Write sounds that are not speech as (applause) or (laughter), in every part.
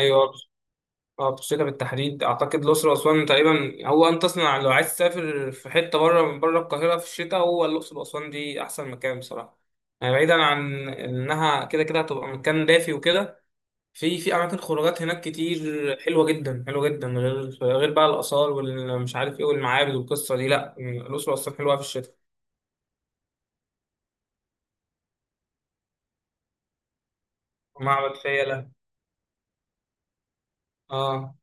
ايوه، اه بتشتغل بالتحديد. اعتقد الاقصر واسوان تقريبا هو ان تصنع. لو عايز تسافر في حته بره، من بره القاهره في الشتاء، هو الاقصر واسوان دي احسن مكان بصراحه. يعني بعيدا عن انها كده كده هتبقى مكان دافي وكده، في اماكن خروجات هناك كتير، حلوه جدا حلوه جدا، غير بقى الاثار والمش عارف ايه والمعابد والقصه دي. لا، الاقصر واسوان حلوه في الشتاء. معبد فيلة. اه.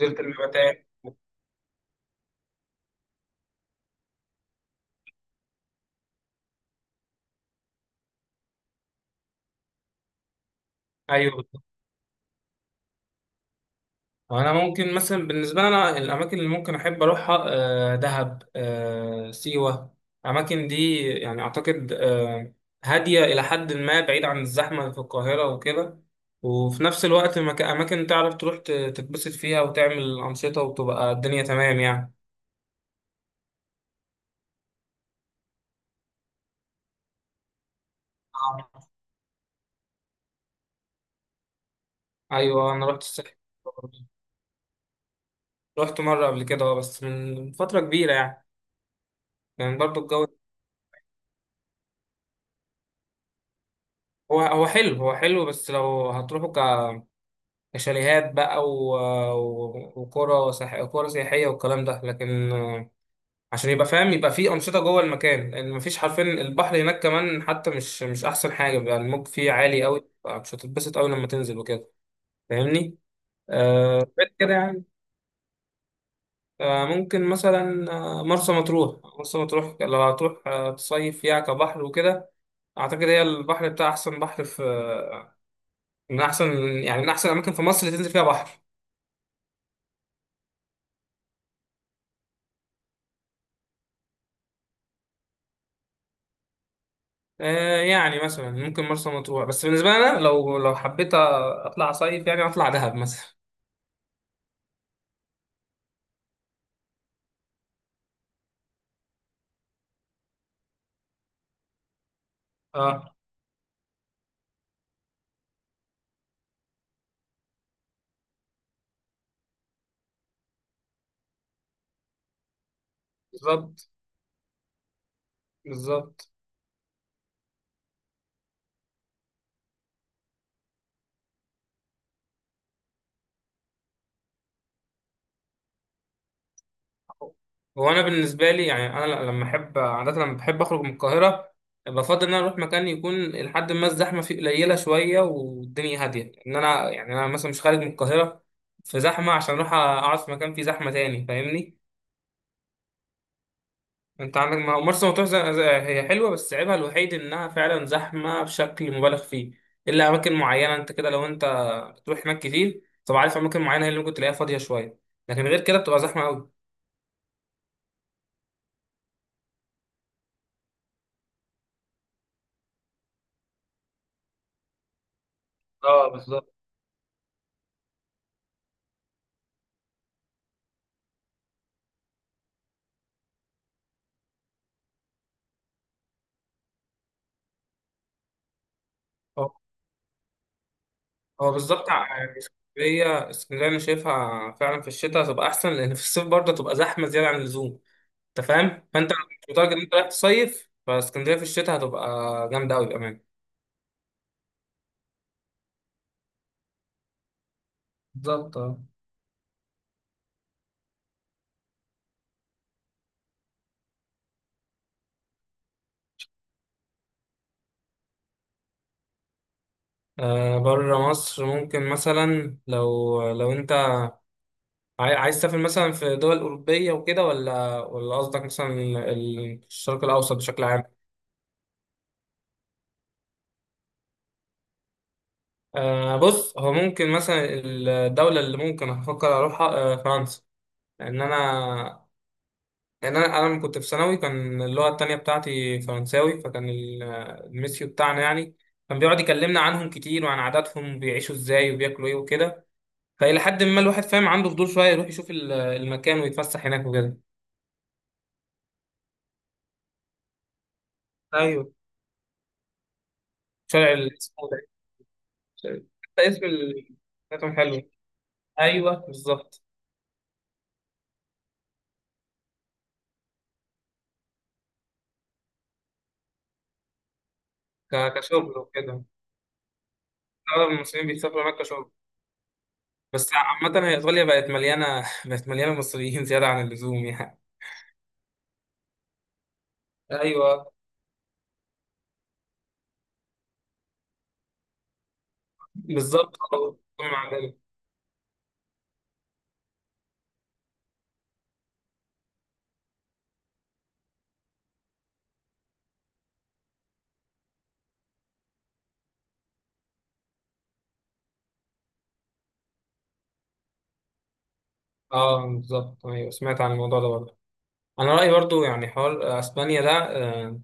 جزيره المتاع. ايوه، انا ممكن مثلا بالنسبه لي انا، الاماكن اللي ممكن احب اروحها دهب، سيوه. الاماكن دي يعني اعتقد، هاديه الى حد ما، بعيد عن الزحمه في القاهره وكده، وفي نفس الوقت اماكن تعرف تروح تتبسط فيها وتعمل انشطه، وتبقى الدنيا تمام يعني. آه. ايوه، انا رحت الساحل. رحت مره قبل كده بس من فتره كبيره يعني. يعني برضو الجو هو حلو، هو حلو، بس لو هتروحوا شاليهات بقى وقرى قرى سياحية والكلام ده، لكن عشان يبقى فاهم، يبقى في أنشطة جوه المكان، لأن مفيش حرفيا. البحر هناك كمان حتى مش أحسن حاجة، بيبقى الموج فيه عالي قوي، مش هتتبسط قوي لما تنزل وكده. فاهمني؟ آه، غير كده يعني. آه، ممكن مثلا، آه، مرسى مطروح. مرسى مطروح لو هتروح آه تصيف فيها كبحر وكده، أعتقد هي البحر بتاع أحسن بحر في، من أحسن، يعني من أحسن الأماكن في مصر اللي تنزل فيها بحر. آه يعني مثلا ممكن مرسى مطروح، بس بالنسبة لي أنا، لو حبيت أطلع صيف، يعني أطلع دهب مثلا. أه، بالظبط، بالظبط. هو أنا بالنسبة لي يعني أنا لما أحب عادة، لما بحب أخرج من القاهرة، بفضل إن أنا أروح مكان يكون لحد ما الزحمة فيه قليلة شوية، والدنيا هادية. إن أنا يعني أنا مثلا مش خارج من القاهرة في زحمة عشان أروح أقعد في مكان فيه زحمة تاني. فاهمني؟ انت عندك، ما هو مرسى مطروح هي حلوه، بس عيبها الوحيد انها فعلا زحمه بشكل مبالغ فيه، الا اماكن معينه. انت كده لو انت بتروح هناك كتير، طب عارف اماكن معينه هي اللي ممكن تلاقيها فاضيه شويه، لكن غير كده بتبقى زحمه قوي. اه بالظبط. هو هو بالظبط. يعني اسكندريه، اسكندريه انا شايفها فعلا في الشتاء هتبقى احسن، لان في الصيف برضه هتبقى زحمه زياده عن اللزوم. انت فاهم؟ فانت لو مش متارجت ان انت رايح تصيف فاسكندريه في الشتاء، هتبقى جامده قوي بامان. بالظبط اه. آه، بره مصر ممكن مثلا، لو لو انت عايز تسافر مثلا في دول أوروبية وكده، ولا قصدك مثلا الشرق الأوسط بشكل عام؟ آه بص، هو ممكن مثلا الدولة اللي ممكن أفكر أروحها آه فرنسا، لأن أنا، لأن أنا لما كنت في ثانوي كان اللغة التانية بتاعتي فرنساوي، فكان الميسيو بتاعنا يعني كان بيقعد يكلمنا عنهم كتير، وعن عاداتهم، بيعيشوا إزاي وبياكلوا إيه وكده، فإلى حد ما الواحد فاهم، عنده فضول شوية يروح يشوف المكان ويتفسح هناك وكده. ايوه، شارع اسمه ده شارع- حتى اسم بتاعتهم حلو. ايوه بالظبط. كشغل وكده. اغلب المصريين بيسافروا هناك كشغل. بس عامة هي ايطاليا بقت مليانة (laughs) بقت مليانة مصريين (laughs) زيادة عن اللزوم يعني. ايوه بالظبط، أه، مع ذلك. اه بالظبط، ايوه سمعت عن الموضوع ده برضه. انا رايي برضه يعني، حوار اسبانيا ده،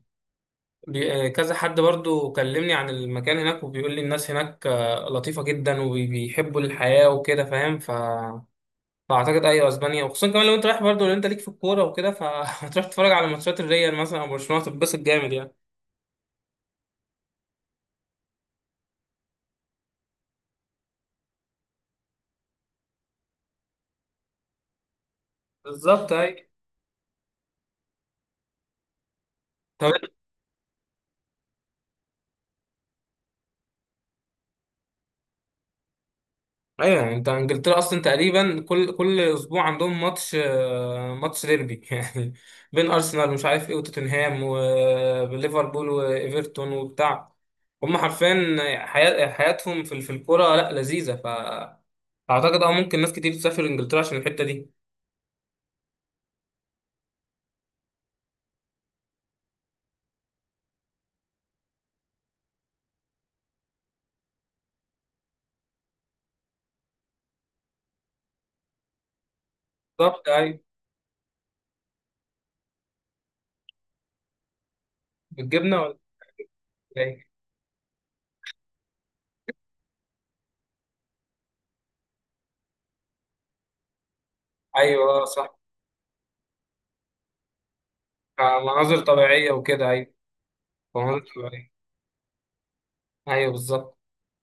كذا حد برضه كلمني عن المكان هناك، وبيقول لي الناس هناك لطيفه جدا وبيحبوا الحياه وكده، فاهم؟ فاعتقد ايوه اسبانيا. وخصوصا كمان لو انت رايح برضه، لو انت ليك في الكوره وكده، فهتروح (laughs) تتفرج على ماتشات الريال مثلا او برشلونه، تتبسط جامد يعني. بالظبط اي. طب ايوه، يعني انت انجلترا اصلا تقريبا كل اسبوع عندهم ماتش، ماتش ديربي (laughs) يعني، بين ارسنال ومش عارف ايه وتوتنهام وليفربول وايفرتون وبتاع. هم حرفيا حياتهم في الكوره، لا لذيذه. اعتقد اه ممكن ناس كتير تسافر انجلترا عشان الحته دي. بالظبط ايوه. بالجبنه ولا ايه؟ ايوه صح. مناظر طبيعية وكده، أيوة. مناظر طبيعية. أيوة بالظبط.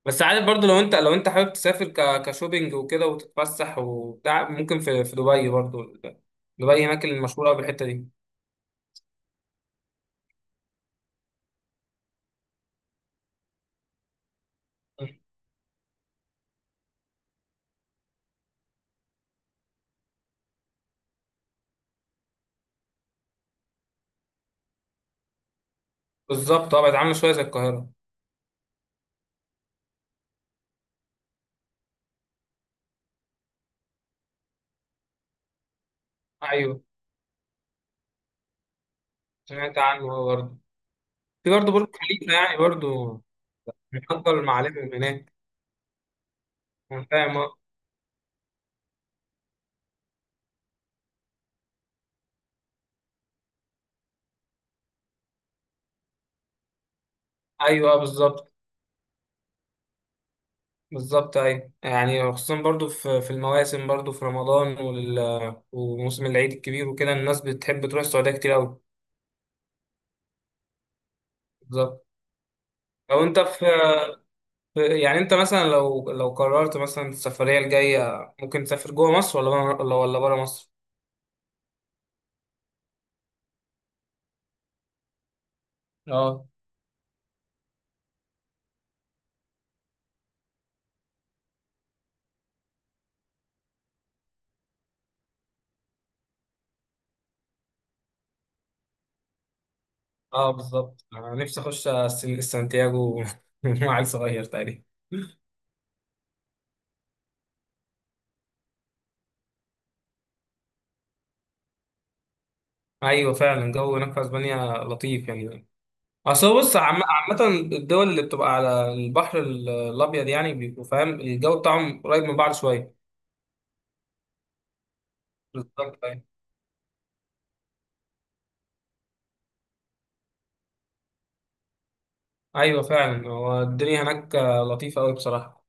بس عارف برضو، لو أنت حابب تسافر كشوبينج وكده وتتفسح وبتاع، ممكن في دبي برضو. دبي هناك المشهورة بالحتة دي. بالظبط، أه بقت عاملة شوية زي القاهرة. أيوه، سمعت عنه هو برضه. في برضه برج خليفة يعني برضه من أفضل المعالم اللي هناك. أنا فاهم أه. أيوه أه بالظبط. بالظبط أيوه. يعني خصوصا برضه في المواسم برضه، في رمضان وموسم العيد الكبير وكده، الناس بتحب تروح السعودية كتير أوي. بالظبط. لو انت في يعني انت مثلا لو لو قررت مثلا السفرية الجاية، ممكن تسافر جوه مصر ولا بره، ولا بره مصر؟ اه. اه بالظبط، انا نفسي اخش سانتياغو (laughs) مع عيل صغير تقريبا. ايوه فعلا الجو هناك في اسبانيا لطيف يعني. اصل هو بص، عامة الدول اللي بتبقى على البحر الابيض يعني بيبقوا فاهم، الجو بتاعهم قريب من بعض شوية. بالظبط ايوه. أيوة فعلا، هو الدنيا هناك لطيفة قوي بصراحة.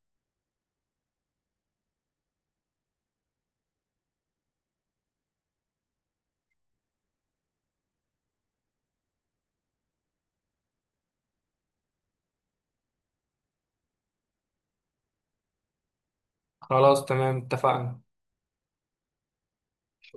خلاص تمام، اتفقنا.